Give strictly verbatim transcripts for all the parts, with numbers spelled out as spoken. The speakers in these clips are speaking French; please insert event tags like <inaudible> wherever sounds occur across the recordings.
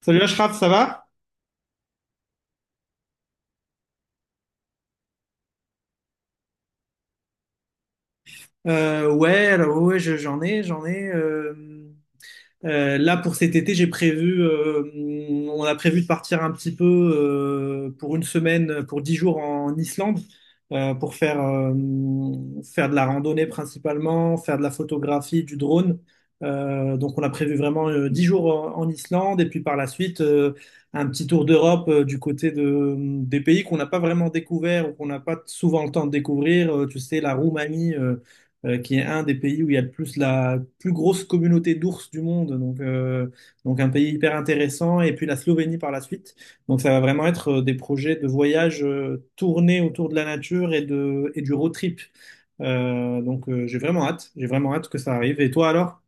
Salut Ashraf, ça va? Euh, ouais, alors ouais, je- j'en ai, j'en ai. euh, Euh, là, pour cet été, j'ai prévu, euh, on a prévu de partir un petit peu euh, pour une semaine, pour dix jours en Islande, euh, pour faire, euh, faire de la randonnée principalement, faire de la photographie, du drone. Euh, donc, on a prévu vraiment euh, dix jours en, en Islande et puis par la suite, euh, un petit tour d'Europe euh, du côté de, des pays qu'on n'a pas vraiment découvert ou qu'on n'a pas souvent le temps de découvrir. Euh, tu sais, la Roumanie. euh, euh, qui est un des pays où il y a le plus la plus grosse communauté d'ours du monde, donc euh, donc un pays hyper intéressant, et puis la Slovénie par la suite. Donc ça va vraiment être euh, des projets de voyage euh, tournés autour de la nature et de et du road trip. Euh, donc euh, j'ai vraiment hâte, j'ai vraiment hâte que ça arrive. Et toi alors?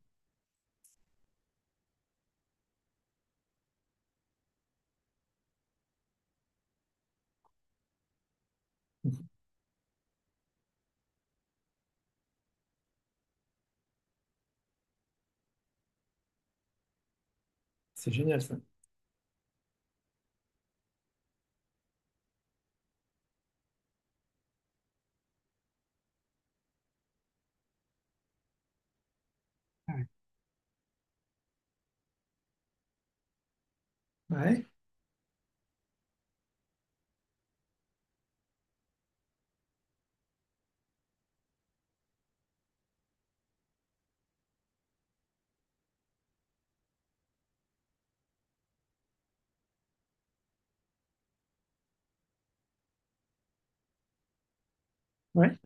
C'est génial ça. Ouais, ouais, ouais.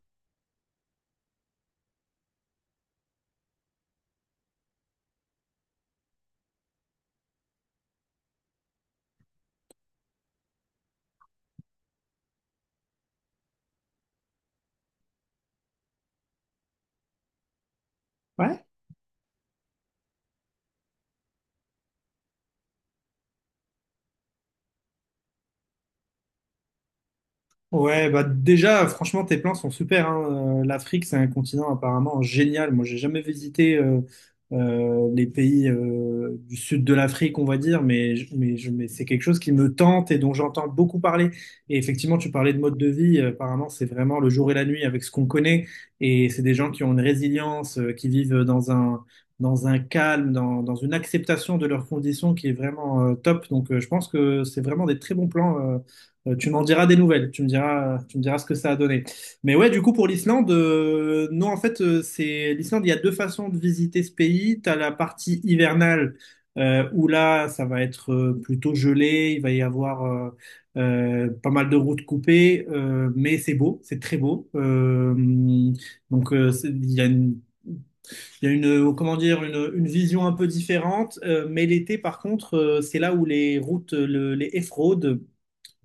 ouais. Ouais, bah déjà, franchement, tes plans sont super, hein. Euh, L'Afrique, c'est un continent apparemment génial. Moi, j'ai jamais visité euh, euh, les pays euh, du sud de l'Afrique, on va dire, mais, je- mais, je- mais c'est quelque chose qui me tente et dont j'entends beaucoup parler. Et effectivement, tu parlais de mode de vie. Euh, apparemment, c'est vraiment le jour et la nuit avec ce qu'on connaît. Et c'est des gens qui ont une résilience, euh, qui vivent dans un, dans un calme, dans, dans une acceptation de leurs conditions qui est vraiment euh, top. Donc, euh, je pense que c'est vraiment des très bons plans euh, euh, Tu m'en diras des nouvelles, tu me diras, tu me diras ce que ça a donné. Mais ouais, du coup, pour l'Islande, euh, non, en fait, euh, c'est l'Islande, il y a deux façons de visiter ce pays. Tu as la partie hivernale, euh, où là, ça va être euh, plutôt gelé, il va y avoir euh, euh, pas mal de routes coupées, euh, mais c'est beau, c'est très beau. Euh, donc, euh, c'est- il y a une, il y a une, comment dire, une, une vision un peu différente. Euh, mais l'été, par contre, euh, c'est là où les routes, le- les off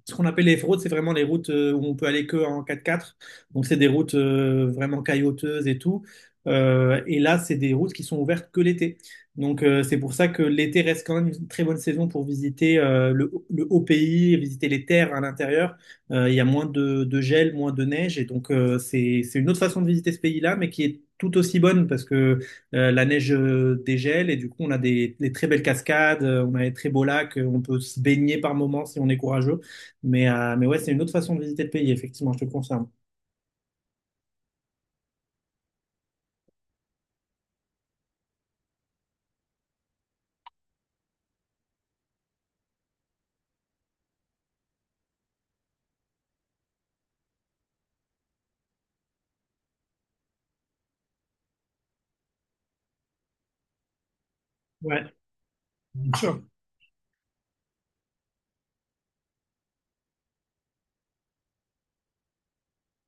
ce qu'on appelle les routes, c'est vraiment les routes euh, où on peut aller que en quatre-quatre. Donc, c'est des routes euh, vraiment caillouteuses et tout. Euh, et là, c'est des routes qui sont ouvertes que l'été. Donc, euh, c'est pour ça que l'été reste quand même une très bonne saison pour visiter euh, le, le haut pays, visiter les terres à l'intérieur. Euh, il y a moins de, de gel, moins de neige. Et donc, euh, c'est, c'est une autre façon de visiter ce pays-là, mais qui est tout aussi bonne parce que euh, la neige euh, dégèle et du coup, on a des, des très belles cascades, euh, on a des très beaux lacs, euh, on peut se baigner par moments si on est courageux. Mais, euh, mais ouais, c'est une autre façon de visiter le pays, effectivement, je te confirme. Ouais, bien sûr.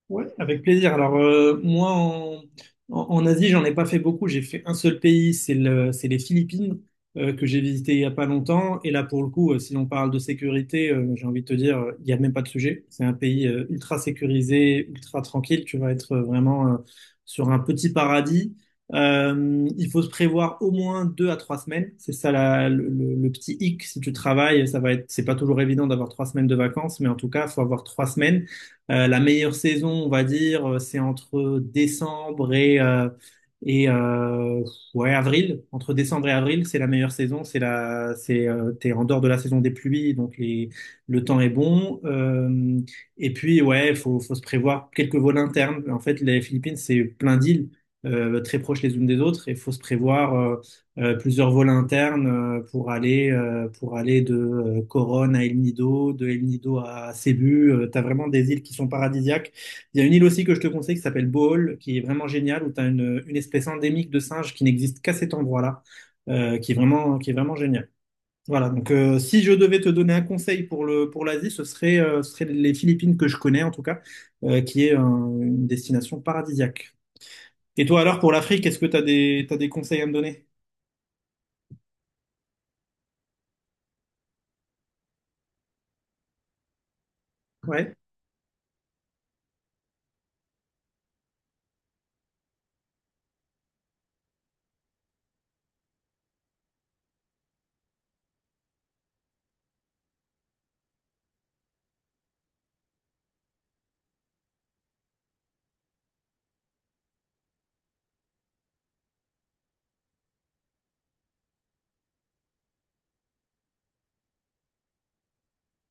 Ouais, avec plaisir. Alors, euh, moi, en, en, en Asie, j'en ai pas fait beaucoup. J'ai fait un seul pays, c'est le, c'est les Philippines, euh, que j'ai visité il y a pas longtemps. Et là, pour le coup, euh, si on parle de sécurité, euh, j'ai envie de te dire, euh, il n'y a même pas de sujet. C'est un pays euh, ultra sécurisé, ultra tranquille. Tu vas être euh, vraiment euh, sur un petit paradis. Euh, il faut se prévoir au moins deux à trois semaines. C'est ça la- le, le- le petit hic. Si tu travailles, ça va être, c'est pas toujours évident d'avoir trois semaines de vacances, mais en tout cas, faut avoir trois semaines. Euh, la meilleure saison, on va dire, euh, c'est entre décembre et, euh, et euh, ouais, avril. Entre décembre et avril, c'est la meilleure saison. C'est la, c'est, euh, t'es en dehors de la saison des pluies, donc les, le temps est bon. Euh, et puis, ouais, faut, faut se prévoir quelques vols internes. En fait, les Philippines, c'est plein d'îles, euh, très proches les unes des autres, et faut se prévoir. euh, euh, plusieurs vols internes euh, pour aller euh, pour aller de euh, Coronne à El Nido, de El Nido à Cebu. Euh, t'as vraiment des îles qui sont paradisiaques. Il y a une île aussi que je te conseille qui s'appelle Bohol, qui est vraiment géniale, où t'as une, une espèce endémique de singe qui n'existe qu'à cet endroit-là, euh, qui est vraiment qui est vraiment génial. Voilà, donc euh, si je devais te donner un conseil pour le pour l'Asie, ce serait euh, ce serait les Philippines que je connais en tout cas, euh, qui est un- une destination paradisiaque. Et toi alors pour l'Afrique, est-ce que t'as des t'as des conseils à me donner? Ouais.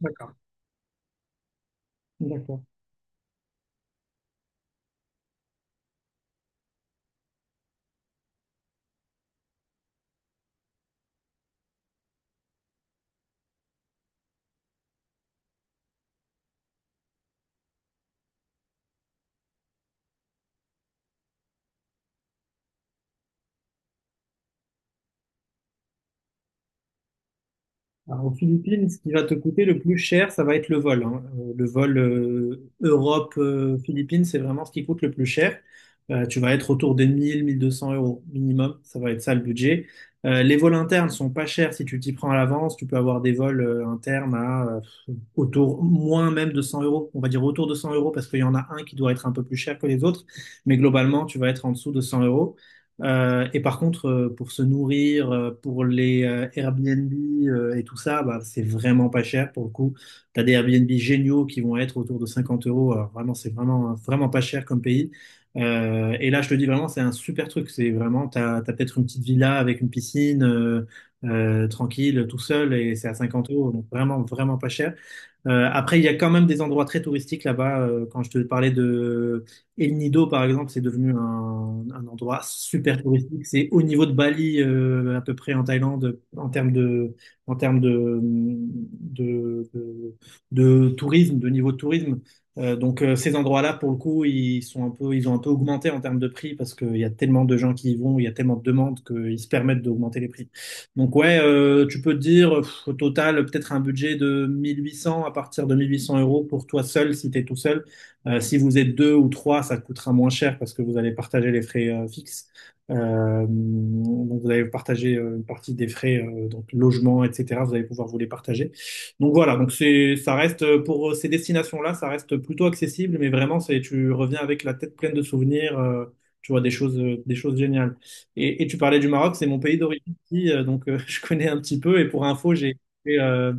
D'accord. D'accord. Alors, aux Philippines, ce qui va te coûter le plus cher, ça va être le vol. hein. Euh, Le vol euh, Europe-Philippines, c'est vraiment ce qui coûte le plus cher. Euh, tu vas être autour des deux cents euros minimum. Ça va être ça le budget. Euh, les vols internes sont pas chers si tu t'y prends à l'avance. Tu peux avoir des vols euh, internes à euh, autour, moins même de cent euros. On va dire autour de cent euros parce qu'il y en a un qui doit être un peu plus cher que les autres. Mais globalement, tu vas être en dessous de cent euros. Euh, et par contre, euh, pour se nourrir, euh, pour les euh, Airbnb euh, et tout ça, bah, c'est vraiment pas cher pour le coup. Tu as des Airbnb géniaux qui vont être autour de cinquante euros. Alors vraiment, c'est vraiment, vraiment pas cher comme pays. Euh, et là, je te dis vraiment, c'est un super truc. C'est vraiment, tu as, peut-être une petite villa avec une piscine euh, euh, tranquille, tout seul, et c'est à cinquante euros. Donc vraiment, vraiment pas cher. Euh, après, il y a quand même des endroits très touristiques là-bas. Euh, quand je te parlais de El Nido, par exemple, c'est devenu un, un endroit super touristique. C'est au niveau de Bali, euh, à peu près en Thaïlande, en termes de, en termes de, de, de, de tourisme, de niveau de tourisme. Euh, donc, euh, ces endroits-là, pour le coup, ils sont un peu, ils ont un peu augmenté en termes de prix parce qu'il y a tellement de gens qui y vont, il y a tellement de demandes qu'ils se permettent d'augmenter les prix. Donc ouais, euh, tu peux te dire pff, au total peut-être un budget de mille huit cents, à partir de mille huit cents euros pour toi seul si tu es tout seul. Euh, si vous êtes deux ou trois, ça te coûtera moins cher parce que vous allez partager les frais euh, fixes. Euh, donc vous allez partager euh, une partie des frais, euh, donc logement, et cetera. Vous allez pouvoir vous les partager. Donc voilà, donc c'est, ça reste euh, pour euh, ces destinations-là, ça reste plutôt accessible, mais vraiment c'est, tu reviens avec la tête pleine de souvenirs. euh, Tu vois des choses, euh, des choses géniales. Et, et tu parlais du Maroc, c'est mon pays d'origine partie, euh, donc euh, <laughs> je connais un petit peu. Et pour info, j'ai fait, euh,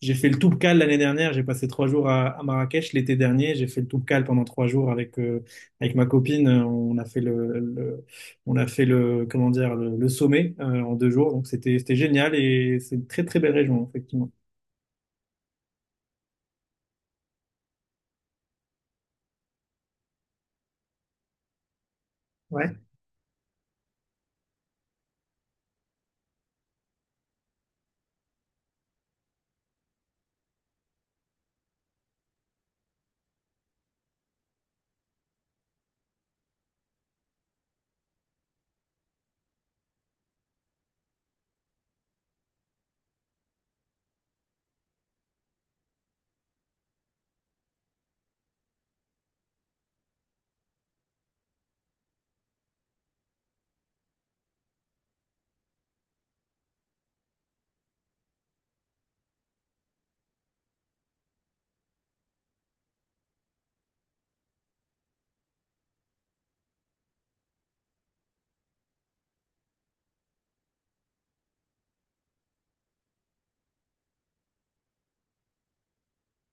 j'ai fait le Toubkal l'année dernière. J'ai passé trois jours à, à Marrakech l'été dernier. J'ai fait le Toubkal pendant trois jours avec, euh, avec ma copine. Euh, On a fait le, le- on a fait le, comment dire, le, le sommet euh, en deux jours. Donc c'était, c'était génial et c'est une très très belle région, effectivement. Ouais.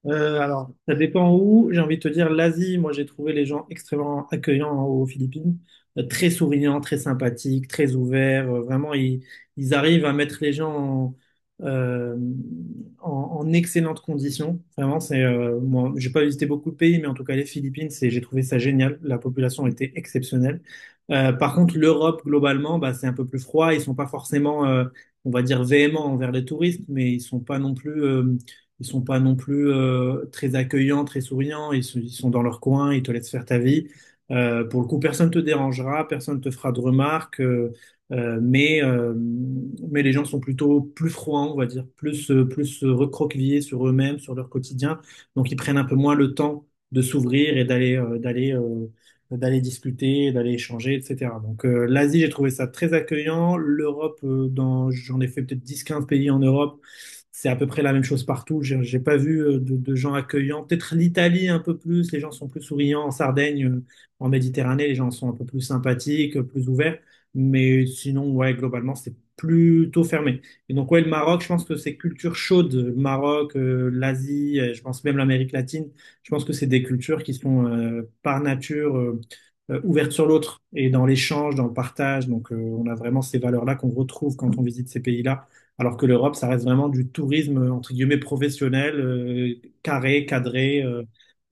Euh, alors, ça dépend où. J'ai envie de te dire, l'Asie, moi j'ai trouvé les gens extrêmement accueillants aux Philippines, Euh, Très souriants, très sympathiques, très ouverts. Euh, vraiment, ils, ils arrivent à mettre les gens en, euh, en, en excellentes conditions. Vraiment, c'est euh, Moi, j'ai pas visité beaucoup de pays, mais en tout cas les Philippines, c'est, j'ai trouvé ça génial. La population était exceptionnelle. Euh, par contre, l'Europe globalement, bah, c'est un peu plus froid. Ils sont pas forcément, euh, on va dire, véhéments envers les touristes, mais ils sont pas non plus euh, ils sont pas non plus euh, très accueillants, très souriants, ils sont, ils sont dans leur coin, ils te laissent faire ta vie. Euh, pour le coup, personne te dérangera, personne te fera de remarques, euh, euh, mais euh, mais les gens sont plutôt plus froids, on va dire, plus euh, plus euh, recroquevillés sur eux-mêmes, sur leur quotidien, donc ils prennent un peu moins le temps de s'ouvrir et d'aller euh, d'aller euh, d'aller discuter, d'aller échanger, et cetera. Donc euh, L'Asie, j'ai trouvé ça très accueillant. L'Europe, euh, dans, j'en ai fait peut-être dix quinze pays en Europe. C'est à peu près la même chose partout. J'ai j'ai pas vu euh, de, de gens accueillants. Peut-être l'Italie un peu plus, les gens sont plus souriants. En Sardaigne, euh, en Méditerranée, les gens sont un peu plus sympathiques, euh, plus ouverts. Mais sinon, ouais, globalement, c'est plutôt fermé. Et donc, ouais, le Maroc, je pense que c'est culture chaude. Le Maroc, euh, l'Asie, euh, je pense même l'Amérique latine. Je pense que c'est des cultures qui sont euh, par nature, euh, euh, ouvertes sur l'autre et dans l'échange, dans le partage. Donc, euh, on a vraiment ces valeurs-là qu'on retrouve quand on visite ces pays-là alors que l'Europe, ça reste vraiment du tourisme, euh, entre guillemets, professionnel, euh, carré, cadré, euh,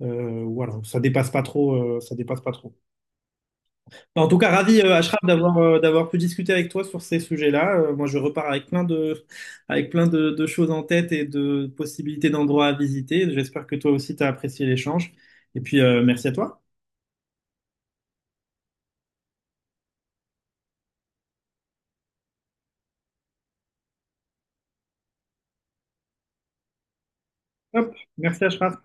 euh, voilà, ça dépasse pas trop, euh, ça dépasse pas trop. En tout cas, ravi, euh, Ashraf, d'avoir euh, d'avoir pu discuter avec toi sur ces sujets-là. Euh, moi, je repars avec plein de, avec plein de, de choses en tête et de possibilités d'endroits à visiter. J'espère que toi aussi, tu as apprécié l'échange. Et puis, euh, merci à toi. Hop, merci, Ashraf.